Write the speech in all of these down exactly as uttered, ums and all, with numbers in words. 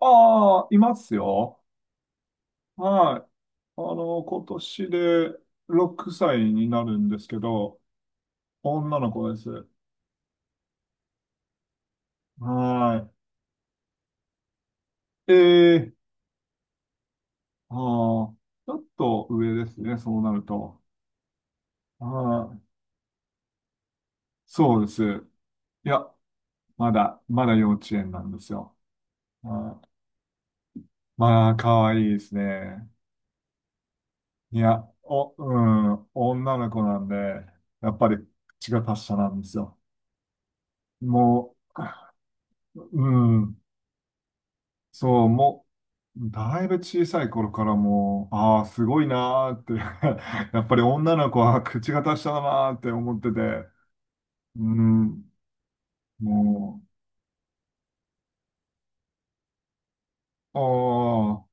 ああ、いますよ。はい。あの、今年でろくさいになるんですけど、女の子です。はい。ええ、ああ、ちょっと上ですね、そうなると。はい。そうです。いや、まだ、まだ幼稚園なんですよ。はい。まあ、可愛いですね。いや、お、うん、女の子なんで、やっぱり口が達者なんですよ。もう、うん。そう、もう、だいぶ小さい頃からもう、ああ、すごいなーって やっぱり女の子は口が達者だなーって思ってて、うん、もう、あ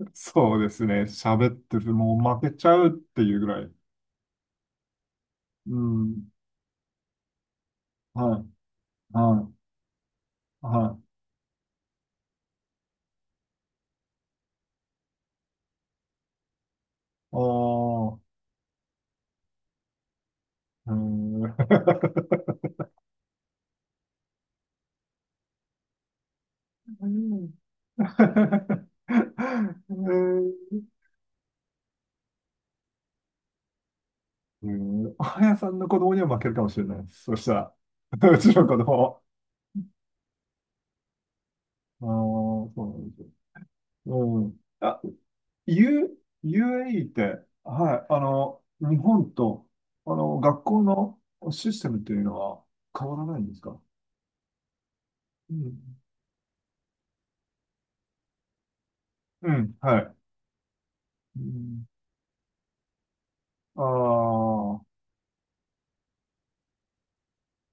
あ、そうですね、喋ってる、もう負けちゃうっていうぐらい、うん、はい、はい、はい、ああ、うん うんうん あやさんの子供には負けるかもしれないです。そしたら、うちの子供。ああ、そうなんですよ。うん。あ、U、ユーエーイー って、はい、あの、日本と、あの、学校のシステムっていうのは変わらないんですか？うん。うん、はい。うん、ああ、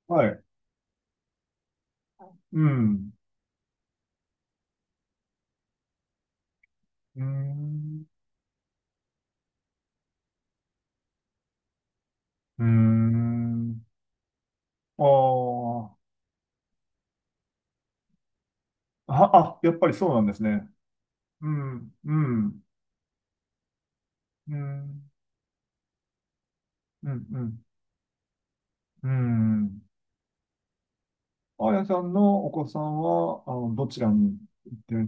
はい。うん。うーん。うーん。あーあ、あ、やっぱりそうなんですね。うん、うん、うん、うん、うん、うん。あやさんのお子さんは、あの、どちらに行ってる？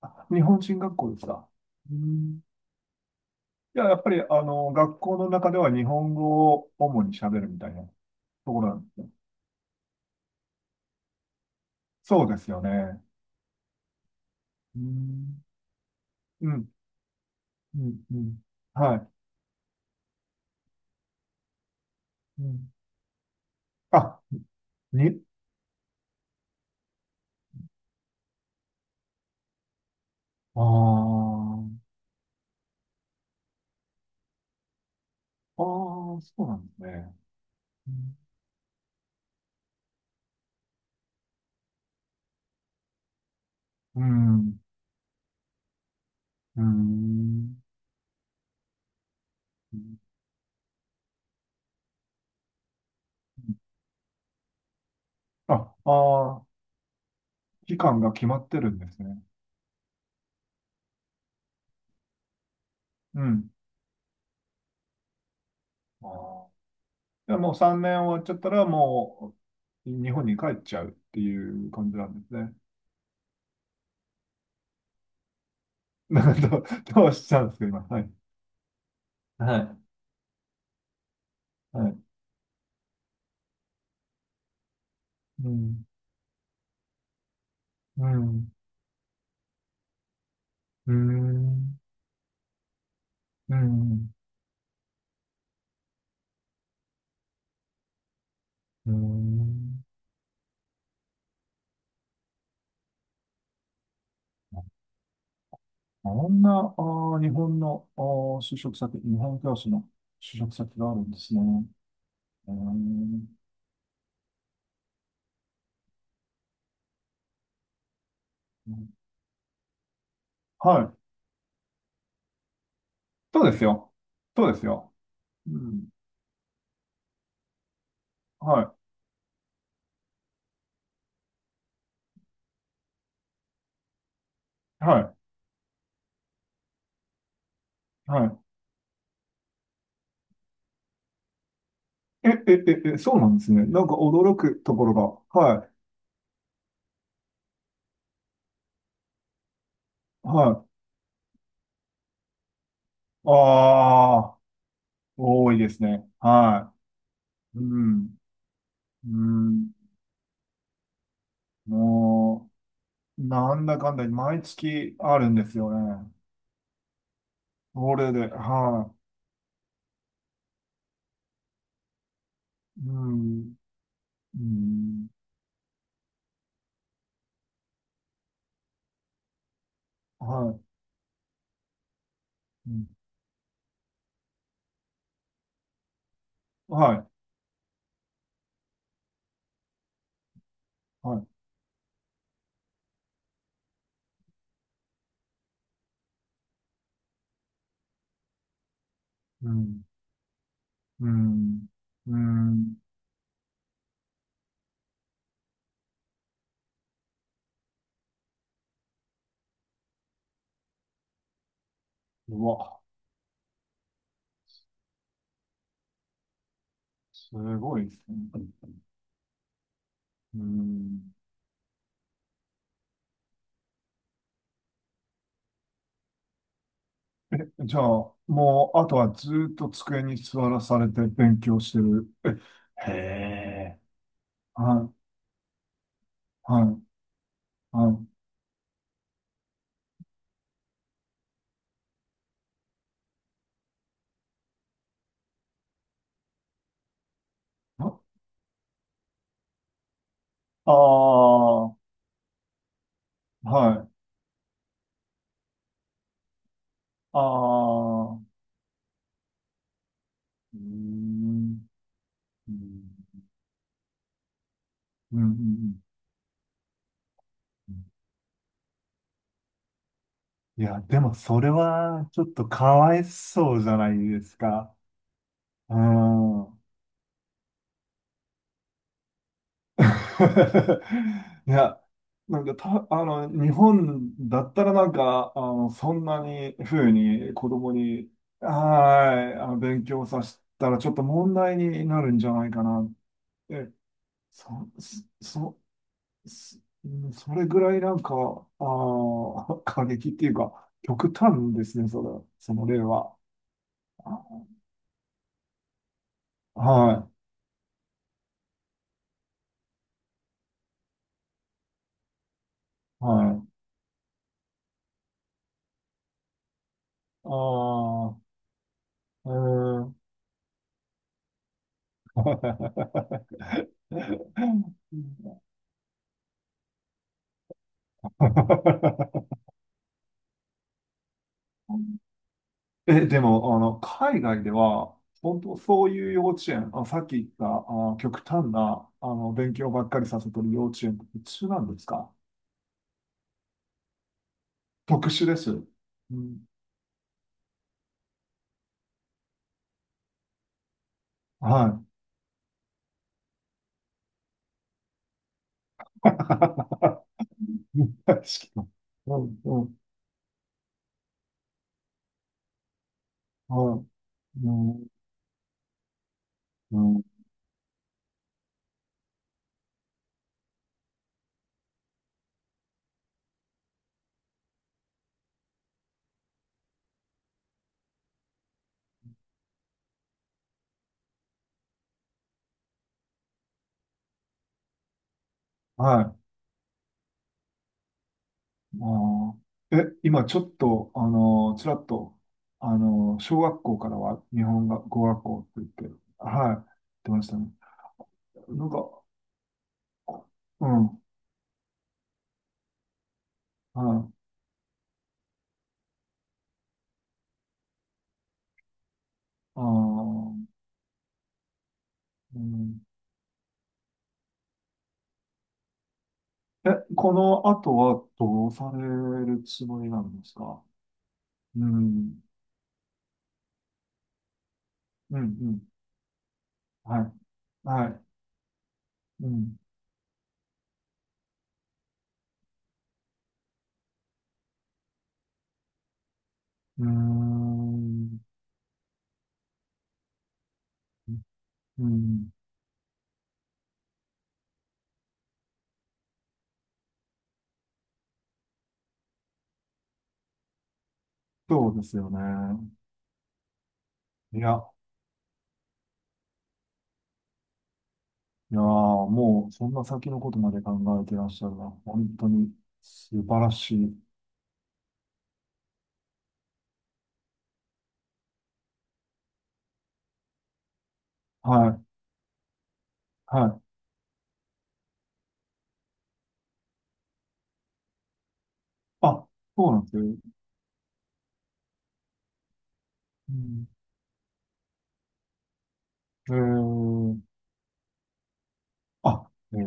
あ、日本人学校ですか？うん。じゃあ、やっぱり、あの、学校の中では日本語を主に喋るみたいなところなんですね。そうですよね。うん。うん。うん。うん。はい。うん。あ、に、ああ、ああ、そうなんですね。うん。うん。うん。あ、ああ、期間が決まってるんですね。うん。ああ。でもうさんねん終わっちゃったら、もう日本に帰っちゃうっていう感じなんですね。なんかどう、どうしたんですか、今。はい。はい。はい。うん。うん。うん。うん。うん。こんな、あー、日本の、あー、就職先、日本教師の就職先があるんですね。うーん。はい。そうですよ。そうですよ。うん。はい。はい。はい。え、え、え、え、そうなんですね。なんか驚くところが。はい。はい。ああ、多いですね。はい。うん。うん。もう、なんだかんだ、毎月あるんですよね。それで、はい。うん。うん。はい。うん。はい。はい。うん。うん。うん。うわ、すごいですね。うん。じゃあ、もう、あとはずーっと机に座らされて勉強してる。えへえ。はい。はい。はい。ああ、はい。ああ、うーん、うん、うん、うん。いや、でもそれはちょっとかわいそうじゃないですか。うん。いや、なんかた、あの、日本だったらなんか、あの、そんなに風に子供に、はい、あの、勉強させたらちょっと問題になるんじゃないかなって。そ、そ、すそれぐらいなんか、あー、過激っていうか、極端ですね、それ、その例は。はい、はい。ああ、うーん。え、でも、あの、海外では、本当そういう幼稚園、あ、さっき言った、あ、極端な、あの、勉強ばっかりさせてる幼稚園って普通なんですか？特殊です。うん、はい。確かに。うん、うん、はい。うん、うん、はい。あーえ、今ちょっと、あのー、ちらっと、あのー、小学校からは日本が語学校って言って、はい、言ってましたね。なんか、うん、はい。あー、うん、え、この後はどうされるつもりなんですか？うん、うん、うん、はい、はい、うん、うーん、うん、そうですよね。いや、いやー、もうそんな先のことまで考えてらっしゃるな。本当に素晴らしい。はい、はい。あ、そうなんですよ。うん、えー、あ、えー、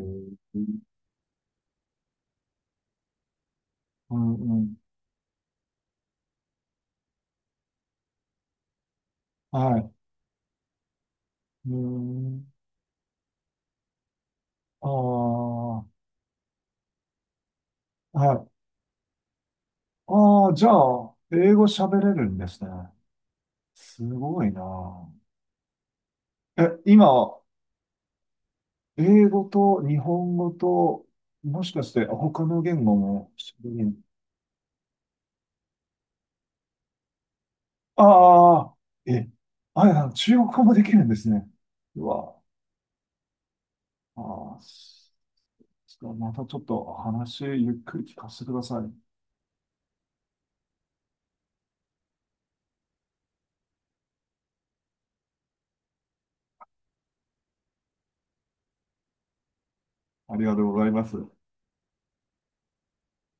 うん、うん。はい。うーん、ああ、はい。ああ、じゃあ、英語喋れるんですね。すごいな。え、今、英語と日本語と、もしかして他の言語も喋れる？ああ、え、あや、中国語もできるんですね。うわ、ああ、す、またちょっと話ゆっくり聞かせてください。ありがとうございます。